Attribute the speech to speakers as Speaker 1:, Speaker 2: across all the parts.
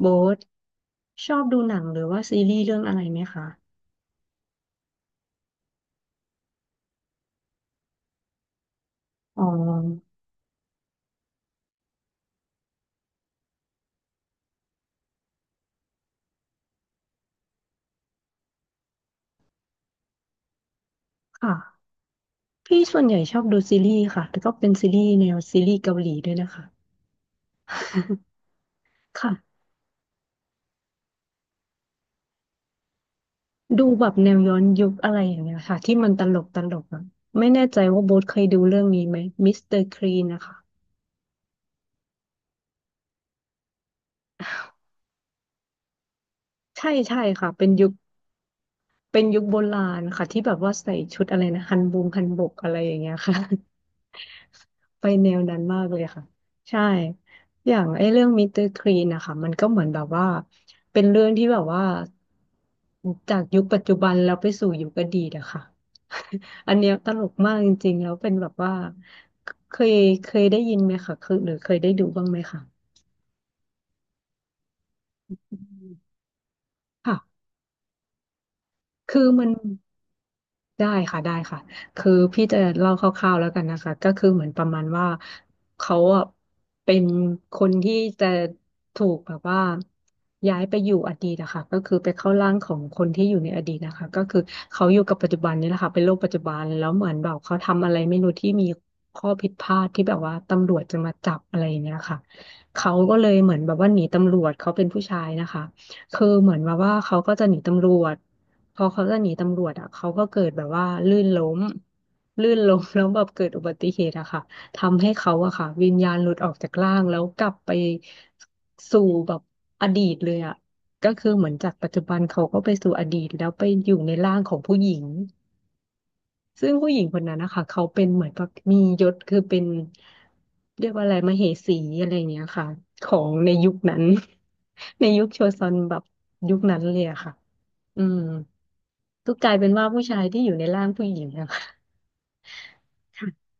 Speaker 1: โบ๊ทชอบดูหนังหรือว่าซีรีส์เรื่องอะไรไหมคะอ๋อค่ะ พี่ส่วนใหญ่ชอบดูซีรีส์ค่ะแล่ก็เป็นซีรีส์แนวซีรีส์เกาหลีด้วยนะคะ ค่ะ ดูแบบแนวย้อนยุคอะไรอย่างเงี้ยค่ะที่มันตลกตลกอะไม่แน่ใจว่าโบ๊ทเคยดูเรื่องนี้ไหมมิสเตอร์คลีนนะคะใช่ใช่ค่ะ เป็นยุคเป็นยุคโบราณค่ะที่แบบว่าใส่ชุดอะไรนะฮันบงฮันบกอะไรอย่างเงี้ยค่ะ ไปแนวนั้นมากเลยค่ะใช่อย่างไอ้เรื่องมิสเตอร์คลีนนะคะมันก็เหมือนแบบว่าเป็นเรื่องที่แบบว่าจากยุคปัจจุบันแล้วไปสู่ยุคอดีตอะค่ะ อันเนี้ยตลกมากจริงๆแล้วเป็นแบบว่าเคยเคยได้ยินไหมคะคือหรือเคยได้ดูบ้างไหมคะอืมค่ะคือมัน ได้ค่ะได้ค่ะคือพี่จะเล่าคร่าวๆแล้วกันนะคะก็คือเหมือนประมาณว่าเขาอะเป็นคนที่จะถูกแบบว่าย้ายไปอยู่อดีตนะคะก็คือไปเข้าร่างของคนที่อยู่ในอดีตนะคะก็คือเขาอยู่กับปัจจุบันนี่แหละค่ะเป็นโลกปัจจุบันแล้วเหมือนแบบเขาทำอะไรไม่รู้ที่มีข้อผิดพลาดที่แบบว่าตำรวจจะมาจับอะไรอย่างเงี้ยค่ะเขาก็เลยเหมือนแบบว่าหนีตำรวจเขาเป็นผู้ชายนะคะคือเหมือนแบบว่าเขาก็จะหนีตำรวจ พอเขาจะหนีตำรวจอ่ะเขาก็เกิดแบบว่าลื่นล้มลื่นล้ม แล้วแบบเกิดอุบัติเหตุอะค่ะทำให้เขาอะค่ะวิญญาณหลุดออกจากร่างแล้วกลับไปสู่แบบอดีตเลยอะก็คือเหมือนจากปัจจุบันเขาก็ไปสู่อดีตแล้วไปอยู่ในร่างของผู้หญิงซึ่งผู้หญิงคนนั้นนะคะเขาเป็นเหมือนแบบมียศคือเป็นเรียกว่าอะไรมเหสีอะไรอย่างเงี้ยค่ะของในยุคนั้น ในยุคโชซอนแบบยุคนั้นเลยอะค่ะ อืมก็กลายเป็นว่าผู้ชายที่อยู่ในร่างผู้หญิงอะ ค่ะ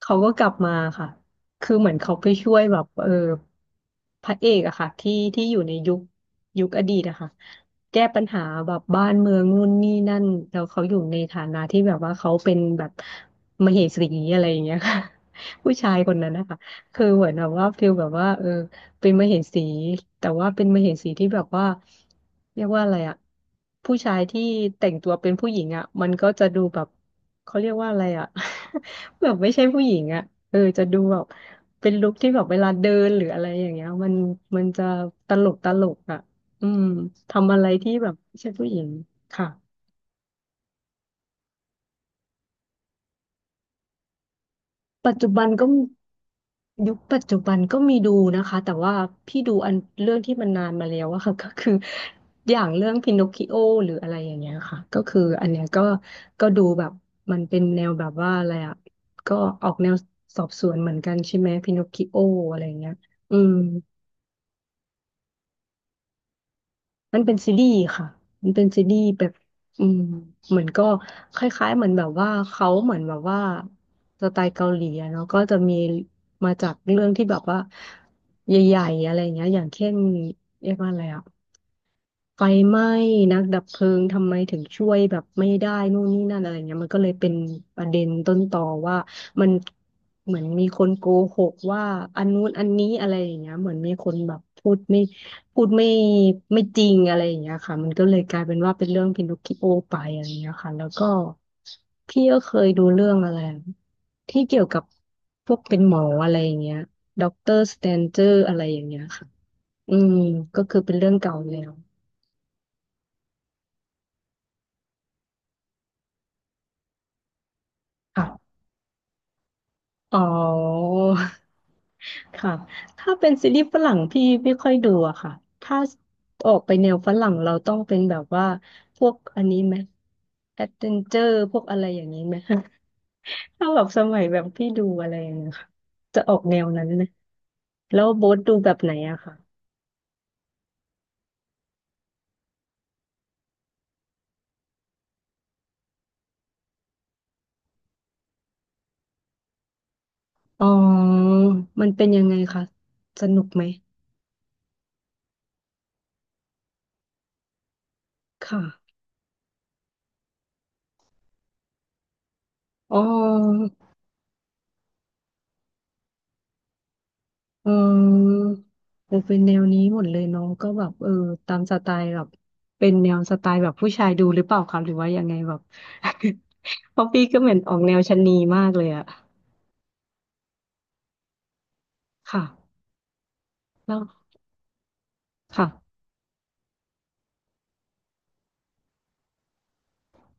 Speaker 1: เขาก็กลับมาค่ะคือเหมือนเขาไปช่วยแบบเออพระเอกอะค่ะที่ที่อยู่ในยุคยุคอดีตอะค่ะแก้ปัญหาแบบบ้านเมืองนู่นนี่นั่นแล้วเขาอยู่ในฐานะที่แบบว่าเขาเป็นแบบมเหสีอะไรอย่างเงี้ยค่ะ ผู้ชายคนนั้นนะคะคือเหมือนแบบว่าฟิลแบบว่าเออ เป็นมเหสีแต่ว่าเป็นมเหสีที่แบบว่าเรียกว่าอะไรอะผู้ชายที่แต่งตัวเป็นผู้หญิงอะมันก็จะดูแบบเขาเรียกว่าอะไรอะ แบบไม่ใช่ผู้หญิงอะเออจะดูแบบเป็นลุคที่แบบเวลาเดินหรืออะไรอย่างเงี้ยมันมันจะตลกตลกอะอืมทำอะไรที่แบบไม่ใช่ผู้หญิงค่ะ ปัจจุบันก็ยุคปัจจุบันก็มีดูนะคะแต่ว่าพี่ดูอันเรื่องที่มันนานมาแล้วอะค่ะ ก็คืออย่างเรื่องพินอคคิโอหรืออะไรอย่างเงี้ยค่ะก็คืออันเนี้ยก็ก็ดูแบบมันเป็นแนวแบบว่าอะไรอะก็ออกแนวสอบสวนเหมือนกันใช่ไหมพินอคคิโออะไรอย่างเงี้ยอืม มันเป็นซีรีส์ค่ะ มันเป็นซีรีส์แบบอืมเหมือนก็คล้ายๆเหมือนแบบว่าเขาเหมือนแบบว่าสไตล์เกาหลีอะเนาะก็จะมีมาจากเรื่องที่แบบว่าใหญ่ๆอะไรอย่างเงี้ยอย่างเช่นเรียกว่าอะไรอะ ไฟไหม้ นักดับเพลิงทำไมถึงช่วยแบบไม่ได้นู่นนี่นั่นอะไรเงี้ยมันก็เลยเป็นประเด็นต้นต่อว่ามันเหมือนมีคนโกหกว่าอันนู้นอันนี้อะไรอย่างเงี้ยเหมือนมีคนแบบพูดไม่พูดไม่ไม่จริงอะไรอย่างเงี้ยค่ะมันก็เลยกลายเป็นว่าเป็นเรื่องพินอคคิโอไปอะไรอย่างเงี้ยค่ะแล้วก็พี่ก็เคยดูเรื่องอะไรที่เกี่ยวกับพวกเป็นหมออะไรอย่างเงี้ยด็อกเตอร์สแตนเจอร์อะไรอย่างเงี้ยค่ะอืมก็คือเป็นเรื่องเก่าแล้วค่ะ อ๋อ ค่ะถ้าเป็นซีรีส์ฝรั่งพี่ไม่ค่อยดูอะค่ะถ้าออกไปแนวฝรั่งเราต้องเป็นแบบว่าพวกอันนี้ไหมแอดเวนเจอร์พวกอะไรอย่างนี้ไหม ถ้าแบบสมัยแบบพี่ดูอะไรอย่างเงี้ยค่ะจะออกแนวนั้นไหมแล้วโบ๊ทดูแบบไหนอะค่ะ อ๋อ มันเป็นยังไงคะ สนุกไหมค่ะอ๋อ เอออเป็นแนวนี้หมดเลยเน้องก็แบบเออตามสไตล์แบบเป็นแนวสไตล์แบบผู้ชายดูหรือเปล่าครับหรือว่ายังไงแบบ เพราะพี่ก็เหมือนออกแนวชะนีมากเลยอะค่ะแล้วค่ะ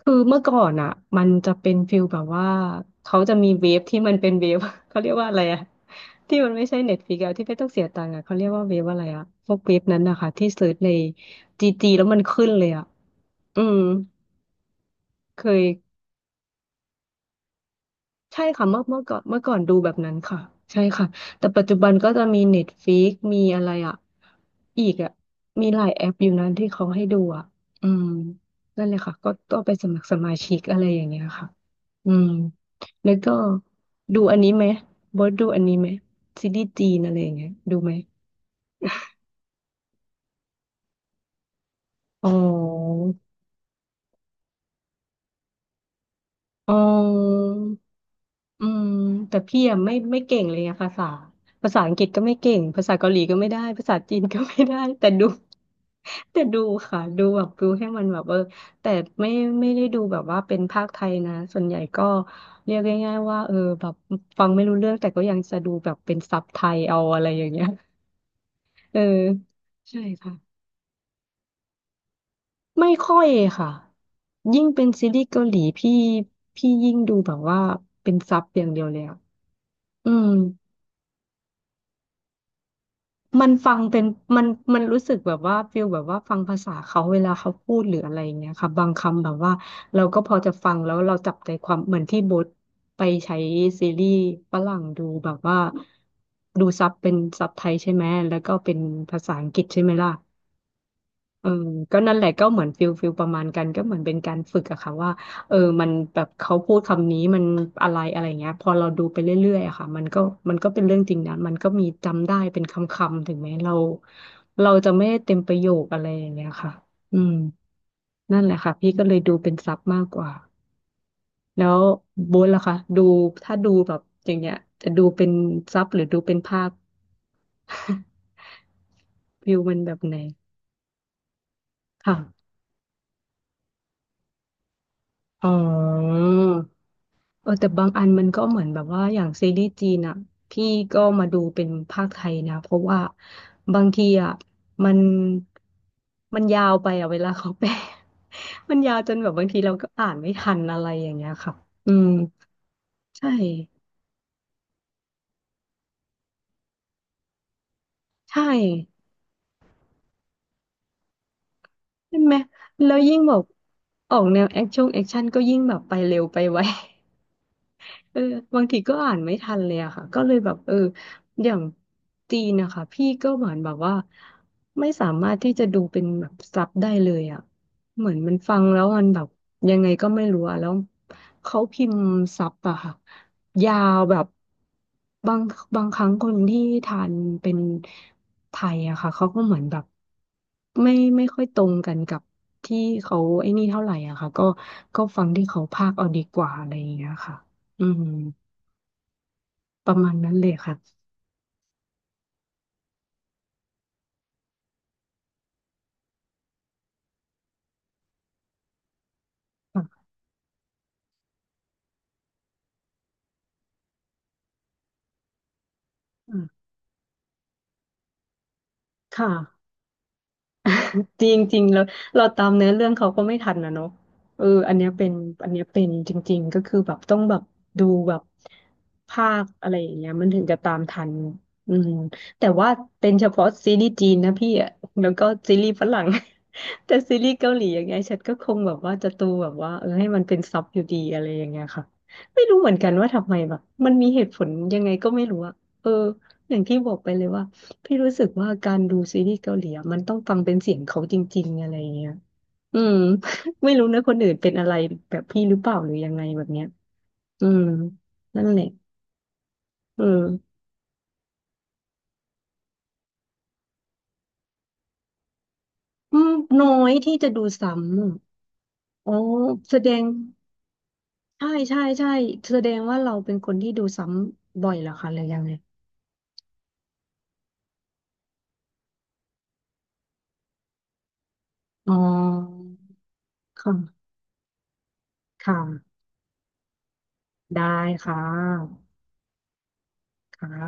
Speaker 1: คือเมื่อก่อนอะมันจะเป็นฟิลแบบว่าเขาจะมีเว็บที่มันเป็นเว็บ เขาเรียกว่าอะไรอะ ที่มันไม่ใช่เน็ตฟลิกซ์อะที่ไม่ต้องเสียตังค์อะเขาเรียกว่าเวฟอะไรอะพวกเวฟนั้นนะคะที่เสิร์ชในจีจีแล้วมันขึ้นเลยอะอืมเคย ใช่ค่ะเมื่อก่อนดูแบบนั้นค่ะใช่ค่ะแต่ปัจจุบันก็จะมีเน็ตฟิกมีอะไรอ่ะอีกอ่ะมีหลายแอปอยู่นั้นที่เขาให้ดูอ่ะอืมนั่นเลยค่ะก็ต้องไปสมัครสมาชิกอะไรอย่างเงี้ยค่ะอืมแล้วก็ดูอันนี้ไหมบอสดูอันนี้ไหมซีรีส์จีนอะไรอย่างเงี้ยดูไหมอ๋ออ๋อ อืมแต่พี่อะไม่เก่งเลยอะภาษาภาษาอังกฤษก็ไม่เก่งภาษาเกาหลีก็ไม่ได้ภาษาจีนก็ไม่ได้แต่ดู แต่ดูค่ะดูแบบดูให้มันแบบแต่ไม่ไม่ได้ดูแบบว่าเป็นภาคไทยนะส่วนใหญ่ก็เรียกง่ายๆว่าแบบฟังไม่รู้เรื่องแต่ก็ยังจะดูแบบเป็นซับไทยเอาอะไรอย่างเงี้ยเออใช่ค่ะไม่ค่อยค่ะยิ่งเป็นซีรีส์เกาหลีพี่ยิ่งดูแบบว่าเป็นซับอย่างเดียวเลยอะอืม มันฟังเป็นมันรู้สึกแบบว่าฟีลแบบว่าฟังภาษาเขาเวลาเขาพูดหรืออะไรอย่างเงี้ยค่ะบางคำแบบว่าเราก็พอจะฟังแล้วเราจับใจความเหมือนที่โบทไปใช้ซีรีส์ฝรั่งดูแบบว่าดูซับเป็นซับไทยใช่ไหมแล้วก็เป็นภาษาอังกฤษใช่ไหมล่ะ เออก็นั่นแหละก็เหมือนฟิลประมาณกันก็เหมือนเป็นการฝึกอะค่ะว่ามันแบบเขาพูดคำนี้มันอะไรอะไรเงี้ยพอเราดูไปเรื่อยๆอะค่ะมันก็เป็นเรื่องจริงนะมันก็มีจำได้เป็นคำๆถึงแม้เราจะไม่ได้เต็มประโยคอะไรอย่างเงี้ยค่ะอืมนั่นแหละค่ะพี่ก็เลยดูเป็นซับมากกว่าแล้วโบนล่ะคะดูถ้าดูแบบอย่างเงี้ยจะดูเป็นซับหรือดูเป็นภาพ ฟิลมันแบบไหนค่ะอ๋อ เออแต่บางอันมันก็เหมือนแบบว่าอย่างซีรีส์จีนอ่ะพี่ก็มาดูเป็นภาคไทยนะเพราะว่าบางทีอ่ะมันมันยาวไปอ่ะเวลาเขาแปล มันยาวจนแบบบางทีเราก็อ่านไม่ทันอะไรอย่างเงี้ยค่ะอืมใช่ใช่ใช่ไหมแล้วยิ่งแบบออกแนวแอคชั่นก็ยิ่งแบบไปเร็วไปไว เออบางทีก็อ่านไม่ทันเลยอะค่ะก็เลยแบบเอออย่างจีนนะคะพี่ก็เหมือนแบบว่าไม่สามารถที่จะดูเป็นแบบซับได้เลยอะเหมือนมันฟังแล้วมันแบบยังไงก็ไม่รู้อะแล้วเขาพิมพ์ซับอะค่ะยาวแบบบางบางครั้งคนที่ทานเป็นไทยอะค่ะเขาก็เหมือนแบบไม่ค่อยตรงกันกับที่เขาไอ้นี่เท่าไหร่อะค่ะก็ฟังที่เขาพากย์เอาดีกว่าอะไรอย่างเงี้ยค่ะ อืมประมาณนั้นเลยค่ะ ค่ะอ่าค่ะ จริงจริงแล้วเราตามเนื้อเรื่องเขาก็ไม่ทันนะเนาะเอออันเนี้ยเป็นอันเนี้ยเป็นจริงๆก็คือแบบต้องแบบดูแบบภาคอะไรอย่างเงี้ยมันถึงจะตามทันอืมแต่ว่าเป็นเฉพาะซีรีส์จีนนะพี่อะแล้วก็ซีรีส์ฝรั่ง แต่ซีรีส์เกาหลีอย่างเงี้ยฉันก็คงแบบว่าจะดูแบบว่าเออให้มันเป็นซับอยู่ดีอะไรอย่างเงี้ยค่ะไม่รู้เหมือนกันว่าทำไมแบบมันมีเหตุผลยังไงก็ไม่รู้อะเอออย่างที่บอกไปเลยว่า พี่รู้สึกว่าการดูซีรีส์เกาหลีอะมันต้องฟังเป็นเสียงเขาจริงๆอะไรเงี้ยอืม ไม่รู้นะคนอื่นเป็นอะไรแบบพี่หรือเปล่าหรือยังไงแบบเนี้ยอืมนั่นแหละเอออืมน้อยที่จะดูซ้ำอะอ๋อแสดงใช่ใช่ใช่แสดงว่าเราเป็นคนที่ดูซ้ำบ่อยเหรอคะหรือยังไงอ๋อค่ะค่ะ ได้ค่ะค่ะ